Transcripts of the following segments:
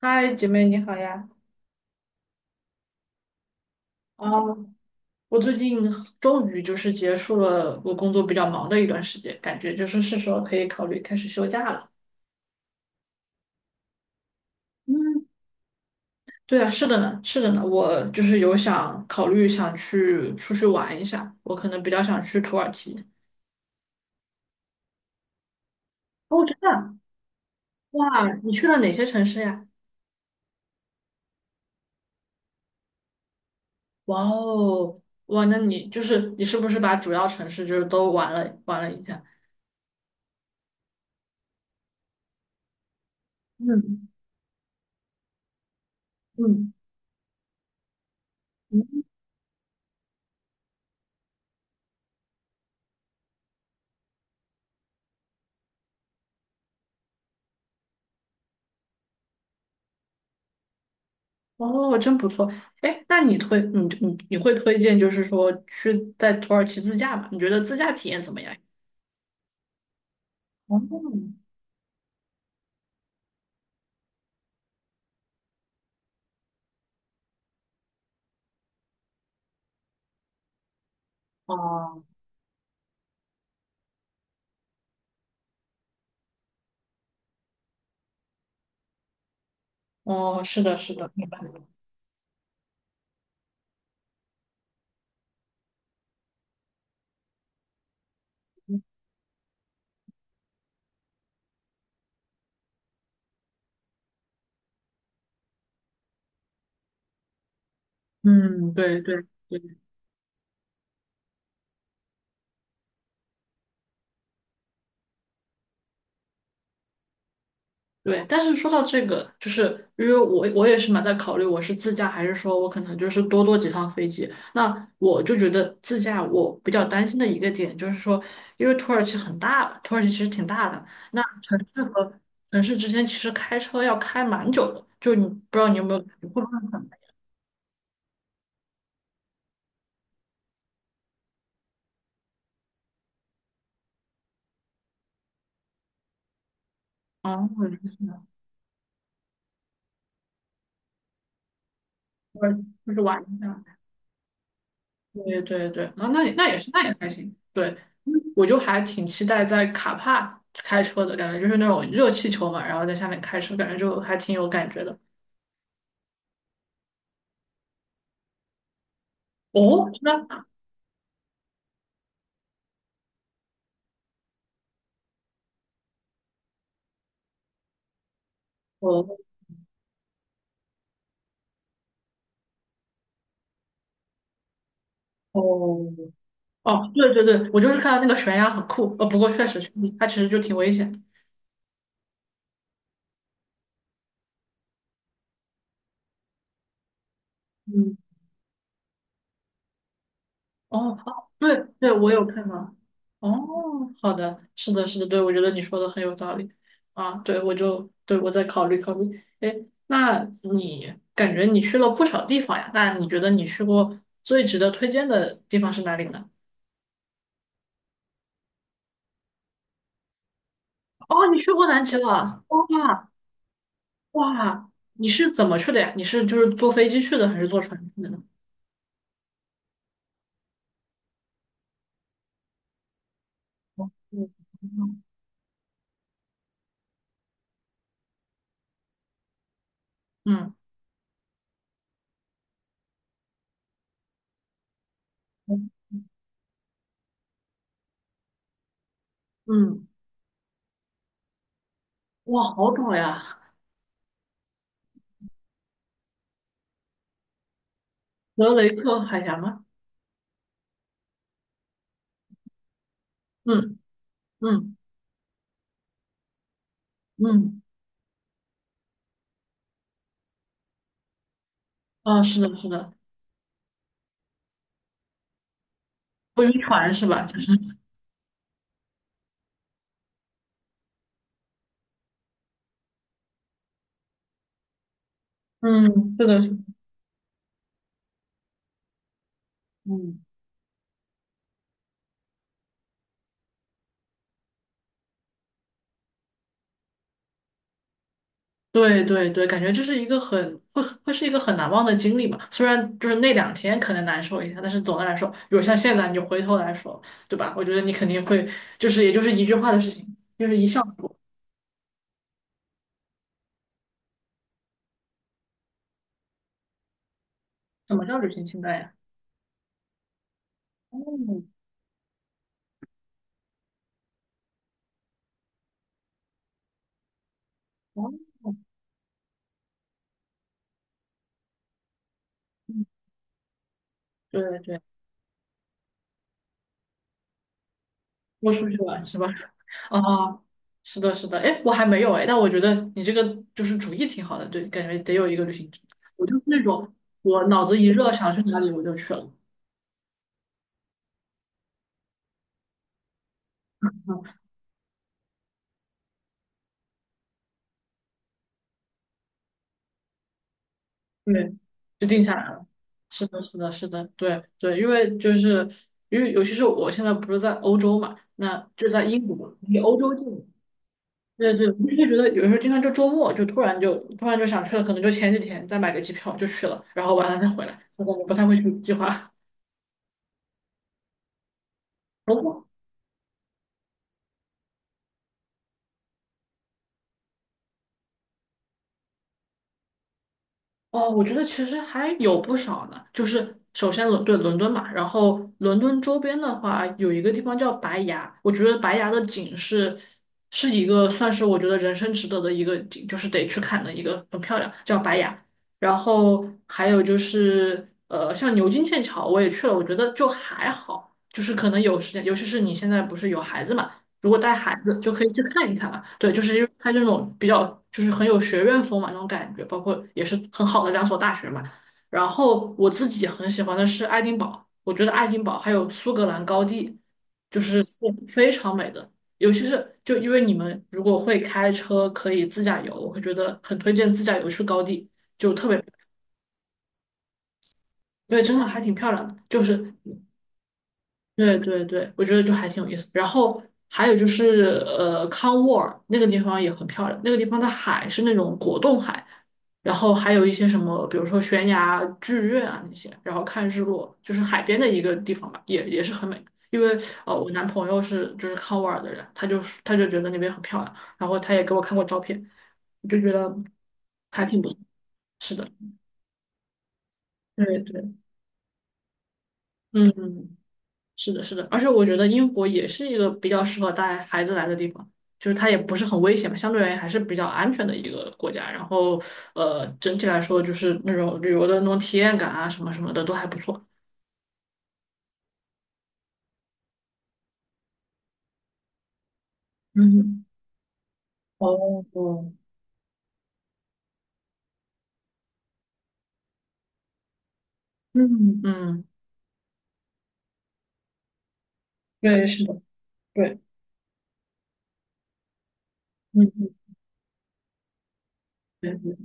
嗨，姐妹你好呀！啊，我最近终于结束了我工作比较忙的一段时间，感觉是时候可以考虑开始休假了。嗯，对啊，是的呢，我就是有想考虑想去出去玩一下，我可能比较想去土耳其。哦，真的啊哇，你去了哪些城市呀？哇哦，哇，那你是不是把主要城市都玩了一下？嗯嗯嗯。哦，真不错。哎，那你会推荐，就是说去在土耳其自驾吗？你觉得自驾体验怎么样？哦，哦，哦，是的，是的，明白。嗯，对对对。对，但是说到这个，就是因为我也是蛮在考虑，我是自驾还是说我可能就是多坐几趟飞机。那我就觉得自驾我比较担心的一个点就是说，因为土耳其很大吧，土耳其其实挺大的，那城市之间其实开车要开蛮久的，就你不知道你有没有会不会很累？哦，我就是玩一下。对对对，啊，那也是，那也还行。对，我就还挺期待在卡帕开车的感觉，就是那种热气球嘛，然后在下面开车，感觉就还挺有感觉的。哦，是吗？哦哦哦，对对对，我就是看到那个悬崖很酷，不过确实它其实就挺危险嗯。哦，好，对对，我有看到。哦，好的，是的，是的，对，我觉得你说的很有道理啊。对，我就对我再考虑考虑。哎，那你感觉你去了不少地方呀？那你觉得你去过最值得推荐的地方是哪里呢？哦，你去过南极了，哇哇，你是怎么去的呀？你是就是坐飞机去的，还是坐船去的呢？哦嗯嗯嗯，哇，好陡呀！德雷克海峡吗？嗯嗯嗯。哦，是的，是的，不晕船是吧？就是嗯，是的，是的嗯，对对对，感觉这是一个很会会是一个很难忘的经历嘛。虽然就是那两天可能难受一下，但是总的来说，比如像现在你回头来说，对吧？我觉得你肯定会，就是也就是一句话的事情，就是一笑而过什么叫旅行清单呀？哦，哦，嗯对对。豁出去玩是吧？啊，是的，是的，哎，我还没有哎，但我觉得你这个就是主意挺好的，对，感觉得有一个旅行者我就是那种我脑子一热想去哪里我就去了，嗯，对，就定下来了。是的，是的，是的，对对，因为尤其是我现在不是在欧洲嘛，那就在英国，离欧洲近。对对，我就会觉得有时候经常就周末就突然就想去了，可能就前几天再买个机票就去了，然后完了再回来，我不太会去计划。哦哦，我觉得其实还有不少呢。就是首先伦敦嘛，然后伦敦周边的话，有一个地方叫白崖，我觉得白崖的景是一个算是我觉得人生值得的一个景，就是得去看的一个，很漂亮，叫白崖。然后还有就是像牛津、剑桥我也去了，我觉得就还好，就是可能有时间，尤其是你现在不是有孩子嘛。如果带孩子就可以去看一看嘛。对，就是因为它这种比较就是很有学院风嘛那种感觉，包括也是很好的两所大学嘛。然后我自己很喜欢的是爱丁堡，我觉得爱丁堡还有苏格兰高地，是非常美的。尤其是就因为你们如果会开车，可以自驾游，我会觉得很推荐自驾游去高地，就特别对，真的还挺漂亮的。就是对对对，我觉得就还挺有意思。然后还有就是，康沃尔那个地方也很漂亮，那个地方的海是那种果冻海，然后还有一些什么，比如说悬崖剧院啊那些，然后看日落，就是海边的一个地方吧，也是很美。因为我男朋友是就是康沃尔的人，他就觉得那边很漂亮，然后他也给我看过照片，就觉得还挺不错。是的，对对，嗯。嗯是的，是的，而且我觉得英国也是一个比较适合带孩子来的地方，就是它也不是很危险嘛，相对而言还是比较安全的一个国家。然后，整体来说就是那种旅游的那种体验感啊，什么什么的都还不错。嗯，哦，嗯，嗯，对，是的，对，嗯嗯对对，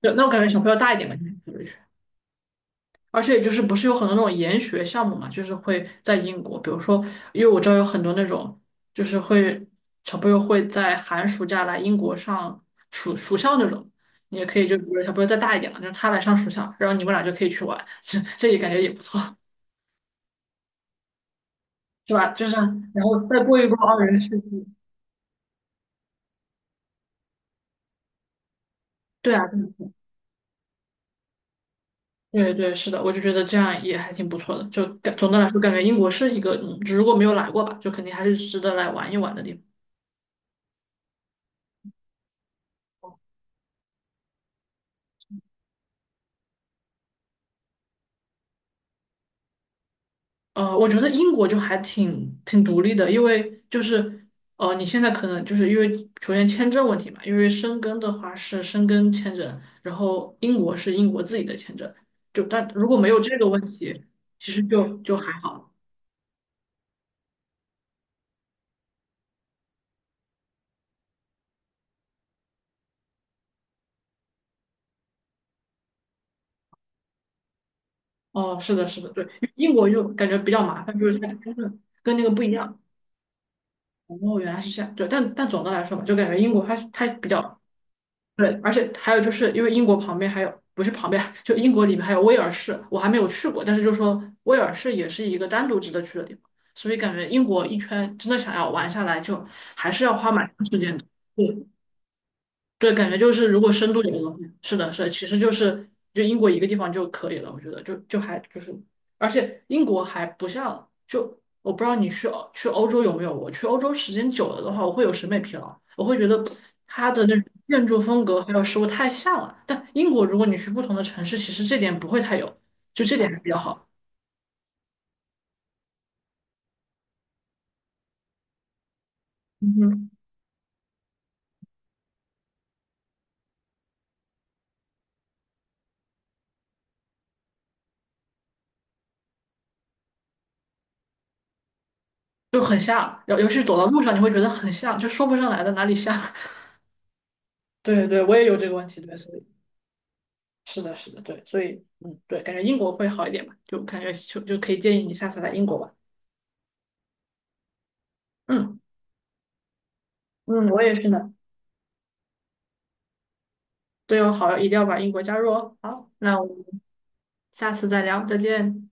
对那我感觉小朋友大一点吧，而且就是不是有很多那种研学项目嘛，就是会在英国，比如说，因为我知道有很多那种，就是会小朋友会在寒暑假来英国上暑校那种，你也可以就比如小朋友再大一点了，就是他来上暑校，然后你们俩就可以去玩，这也感觉也不错，是吧？就是然后再过一过二人世纪，对啊，对对是的，我就觉得这样也还挺不错的，就感总的来说感觉英国是一个，嗯如果没有来过吧，就肯定还是值得来玩一玩的地方。我觉得英国就还挺挺独立的，因为就是你现在可能就是因为首先签证问题嘛，因为申根的话是申根签证，然后英国是英国自己的签证，就但如果没有这个问题，其实就还好。哦，是的，是的，对，因为英国就感觉比较麻烦，就是它的签证跟那个不一样。哦，原来是这样，对，但总的来说嘛，就感觉英国它比较对，而且还有就是因为英国旁边还有，不是旁边，就英国里面还有威尔士，我还没有去过，但是就说威尔士也是一个单独值得去的地方，所以感觉英国一圈真的想要玩下来，就还是要花蛮长时间的。对对，感觉就是如果深度一点的话，是的，是的，其实就是就英国一个地方就可以了，我觉得就是，而且英国还不像就我不知道你去欧洲有没有，我去欧洲时间久了的话，我会有审美疲劳，我会觉得它的那种建筑风格还有食物太像了。但英国如果你去不同的城市，其实这点不会太有，就这点还比较好，嗯哼就很像，尤其是走到路上你会觉得很像，就说不上来的哪里像。对对，我也有这个问题，对。所以。是的，是的，对，所以，嗯，对，感觉英国会好一点吧，就感觉就可以建议你下次来英国吧。嗯，嗯，我也是呢。对哦，好，一定要把英国加入哦。好，那我们下次再聊，再见。